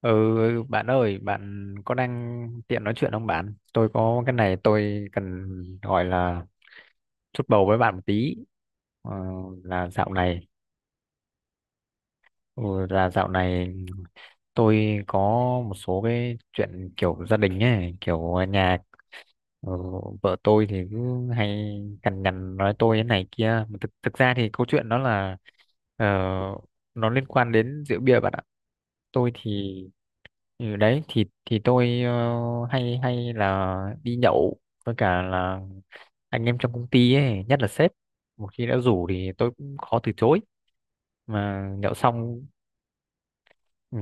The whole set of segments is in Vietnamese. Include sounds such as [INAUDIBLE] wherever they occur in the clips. Ừ, Bạn ơi, bạn có đang tiện nói chuyện không bạn? Tôi có cái này tôi cần gọi là chút bầu với bạn một tí. Ờ, là dạo này, ừ, là dạo này tôi có một số cái chuyện kiểu gia đình ấy, kiểu nhà, ờ, vợ tôi thì cứ hay cằn nhằn nói tôi thế này kia. Mà thực ra thì câu chuyện đó là, ờ, nó liên quan đến rượu bia bạn ạ. Tôi thì... Ừ, đấy, thì tôi, hay hay là đi nhậu với cả là anh em trong công ty ấy, nhất là sếp, một khi đã rủ thì tôi cũng khó từ chối, mà nhậu xong... Ừ,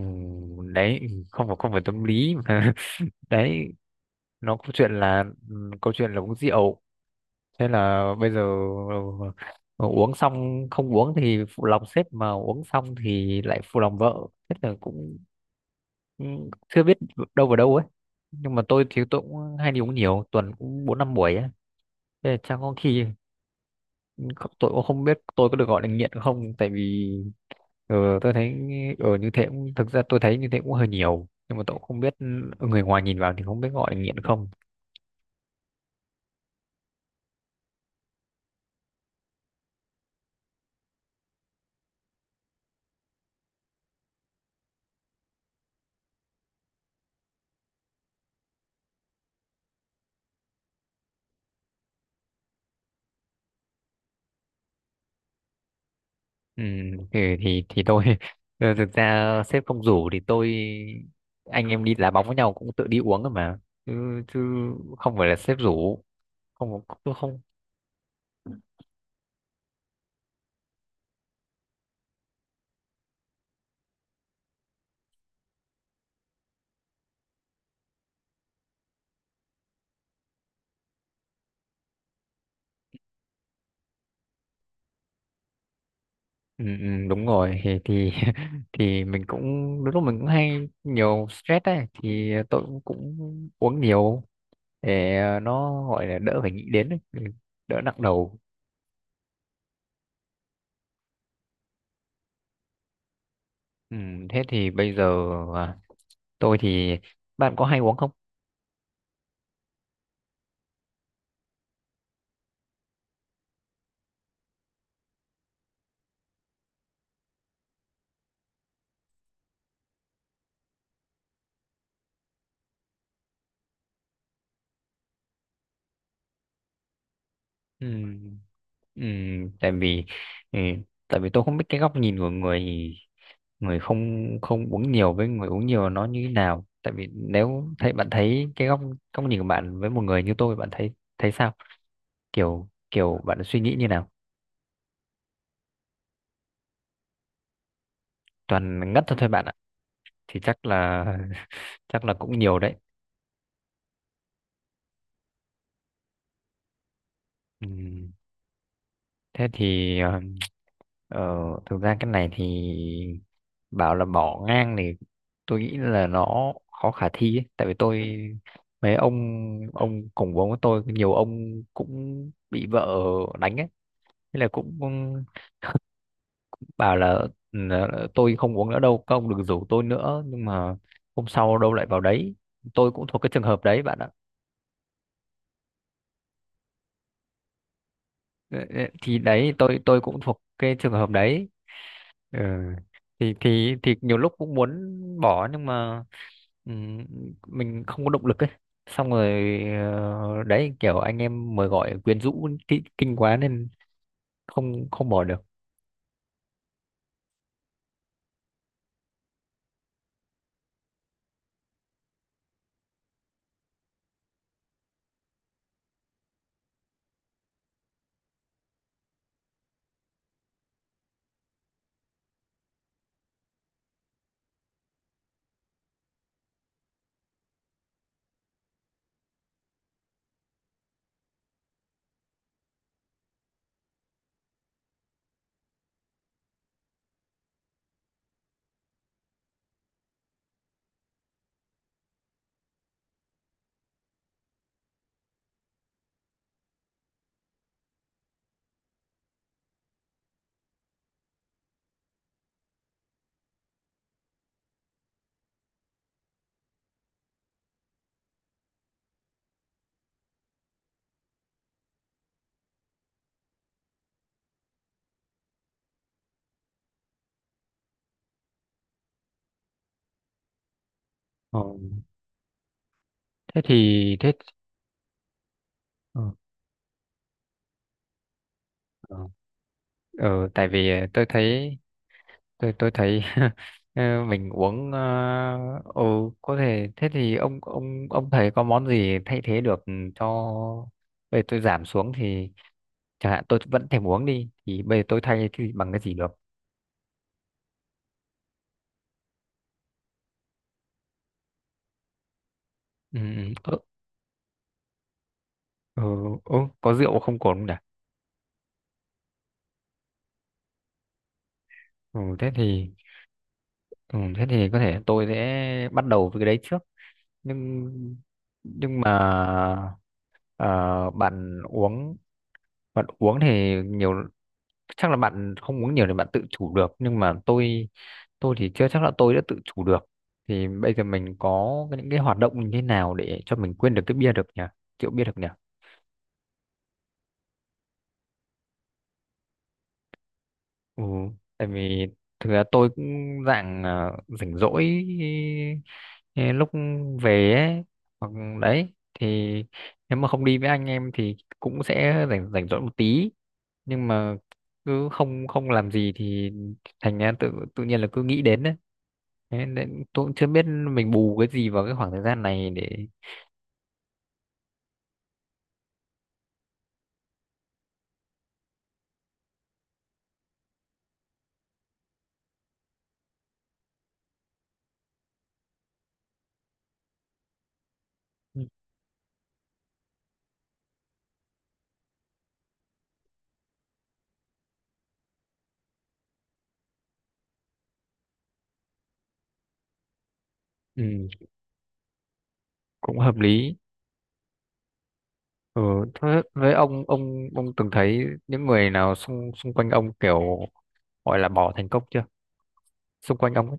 đấy, không phải tâm lý mà... [LAUGHS] Đấy, nó câu chuyện là uống rượu. Thế là bây giờ, ờ, uống xong, không uống thì phụ lòng sếp, mà uống xong thì lại phụ lòng vợ. Thế là cũng cũng chưa biết đâu vào đâu ấy. Nhưng mà tôi thì tôi cũng hay đi uống, nhiều tuần cũng bốn năm buổi ấy. Thế là chắc có khi tôi cũng không biết tôi có được gọi là nghiện không, tại vì, ờ, tôi thấy ở như thế cũng thực ra tôi thấy như thế cũng hơi nhiều, nhưng mà tôi cũng không biết, người ngoài nhìn vào thì không biết gọi là nghiện không. Ừ, thì tôi, [LAUGHS] thực ra sếp không rủ thì tôi, anh em đi đá bóng với nhau cũng tự đi uống rồi mà, chứ không phải là sếp rủ. Không, không, không. Ừ, ừ, đúng rồi, thì [LAUGHS] thì mình cũng, đôi lúc mình cũng hay nhiều stress ấy, thì tôi cũng uống nhiều để, nó gọi là đỡ phải nghĩ đến ấy, đỡ nặng đầu. Ừ, thế thì bây giờ, à, tôi thì... bạn có hay uống không? ừ. Ừ, tại vì ừ, Tại vì tôi không biết cái góc nhìn của người người không không uống nhiều với người uống nhiều nó như thế nào, tại vì nếu thấy bạn thấy cái góc góc nhìn của bạn với một người như tôi, bạn thấy thấy sao, kiểu kiểu bạn suy nghĩ như nào? Toàn ngất thôi thôi bạn ạ, thì chắc là [LAUGHS] chắc là cũng nhiều đấy. ừ, Thế thì, Ờ, thực ra cái này thì, bảo là bỏ ngang thì tôi nghĩ là nó khó khả thi ấy. Tại vì tôi, mấy ông, cùng vốn với tôi nhiều ông cũng bị vợ đánh ấy, thế là cũng [LAUGHS] bảo là: "Ừ, tôi không uống nữa đâu, các ông đừng rủ tôi nữa." Nhưng mà hôm sau đâu lại vào đấy, tôi cũng thuộc cái trường hợp đấy bạn ạ. Ờ, thì đấy, tôi cũng thuộc cái trường hợp đấy. Ừ. thì nhiều lúc cũng muốn bỏ nhưng mà, ừm, mình không có động lực ấy, xong rồi, đấy, kiểu anh em mời gọi quyến rũ kinh, kinh quá nên không không bỏ được. Ờ, Thế thì thế, ờ, ờ, ờ, tại vì tôi thấy, tôi thấy [LAUGHS] mình uống, ừ, có thể. Thế thì ông thấy có món gì thay thế được cho, để tôi giảm xuống thì, chẳng hạn tôi vẫn thèm uống đi thì bây giờ tôi thay cái gì bằng cái gì được? Ừ, ừ, ừ, ừ, có rượu không cồn không nhỉ? Ừ, thế thì có thể tôi sẽ bắt đầu với cái đấy trước, nhưng nhưng mà, ờ, bạn uống bạn uống thì nhiều, chắc là bạn không uống nhiều thì bạn tự chủ được, nhưng mà tôi thì chưa chắc là tôi đã tự chủ được. Thì bây giờ mình có những cái hoạt động như thế nào để cho mình quên được cái bia được nhỉ rượu bia được nhỉ? Ừ, tại vì thực ra tôi cũng dạng, rảnh rỗi, ờ, lúc về ấy, hoặc đấy thì nếu mà không đi với anh em thì cũng sẽ rảnh rảnh rỗi một tí, nhưng mà cứ không không làm gì thì thành ra tự tự nhiên là cứ nghĩ đến đấy. Thế nên tôi cũng chưa biết mình bù cái gì vào cái khoảng thời gian này để... Ừ, ừ, cũng hợp lý. Ừ, thế với ông từng thấy những người nào xung xung quanh ông kiểu gọi là bỏ thành công chưa, xung quanh ông ấy?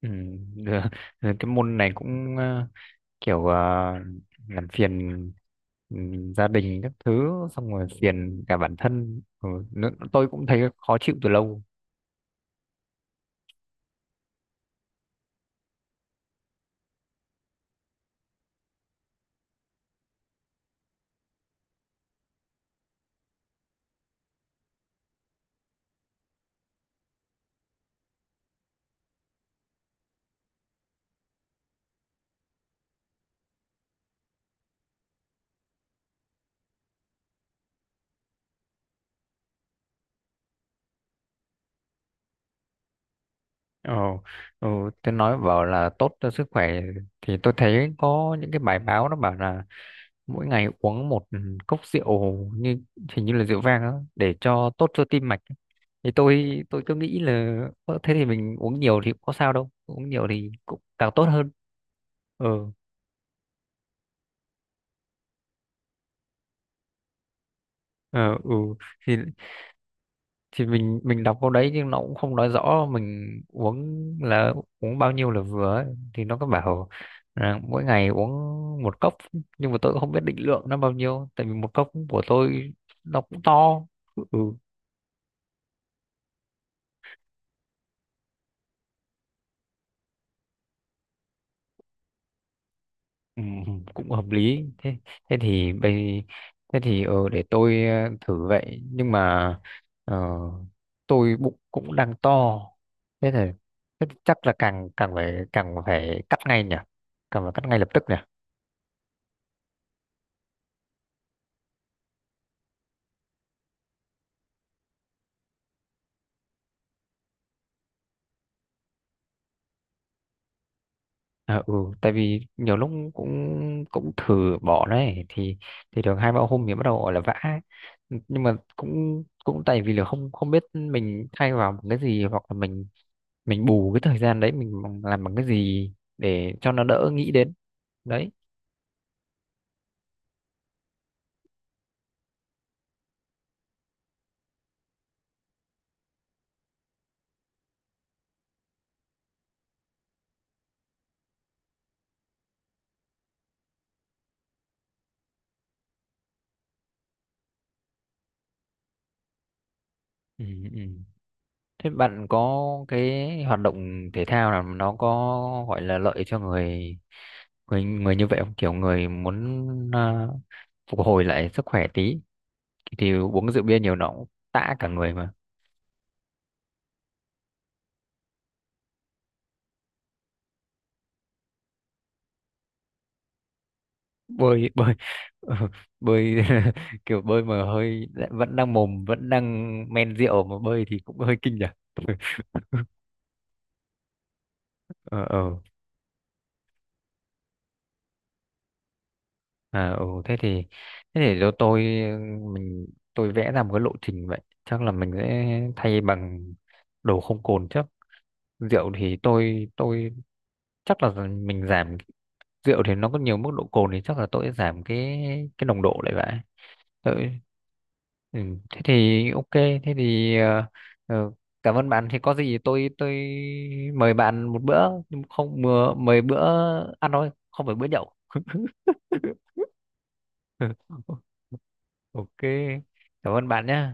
Ừ, [LAUGHS] được. Rồi cái môn này cũng, kiểu, làm phiền, ừ, gia đình các thứ, xong rồi phiền cả bản thân, tôi cũng thấy khó chịu từ lâu. ờ, ừ, tôi nói bảo là tốt cho sức khỏe, thì tôi thấy có những cái bài báo nó bảo là mỗi ngày uống một, cốc rượu, hình như là rượu vang á, để cho tốt cho tim mạch, thì tôi cứ nghĩ là: "Ơ, thế thì mình uống nhiều thì cũng có sao đâu, uống nhiều thì cũng càng tốt hơn." ừ ờ, ừ, thì thì mình đọc câu đấy nhưng nó cũng không nói rõ mình uống là uống bao nhiêu là vừa ấy. Thì nó có bảo là mỗi ngày uống một cốc, nhưng mà tôi cũng không biết định lượng nó bao nhiêu, tại vì một cốc của tôi nó cũng to. ừ Ừ, cũng hợp lý. Thế thế thì bây thế thì để tôi, thử vậy, nhưng mà, ờ, tôi bụng cũng đang to. Thế thì thế thì chắc là càng càng phải cắt ngay nhỉ càng phải cắt ngay lập tức nhỉ? Ừ, tại vì nhiều lúc cũng cũng thử bỏ đấy thì được hai ba hôm thì bắt đầu gọi là vã ấy. Nhưng mà cũng cũng tại vì là không không biết mình thay vào một cái gì, hoặc là mình bù cái thời gian đấy mình làm bằng cái gì để cho nó đỡ nghĩ đến đấy. Ừ, ừ. Thế bạn có cái hoạt động thể thao nào mà nó có gọi là lợi cho người người người như vậy không, kiểu người muốn, à, phục hồi lại sức khỏe tí, thì uống rượu bia nhiều nó cũng tã cả người mà? Bơi bơi, [LAUGHS] bơi, [LAUGHS] kiểu bơi mà hơi vẫn đang, mồm vẫn đang men rượu mà bơi thì cũng hơi kinh nhỉ? [LAUGHS] ờ ờ ừ, thế thì để cho tôi, mình tôi vẽ ra một cái lộ trình vậy. Chắc là mình sẽ thay bằng đồ không cồn trước. Rượu thì tôi, chắc là mình giảm. Rượu thì nó có nhiều mức độ cồn thì chắc là tôi sẽ giảm cái nồng độ lại vậy. Tôi, ừ, thế thì ok thế thì ờ, ờ, cảm ơn bạn. Thì có gì tôi mời bạn một bữa, nhưng không, mời bữa ăn thôi, không phải bữa nhậu. [LAUGHS] Ừ, ok, cảm ơn bạn nhé.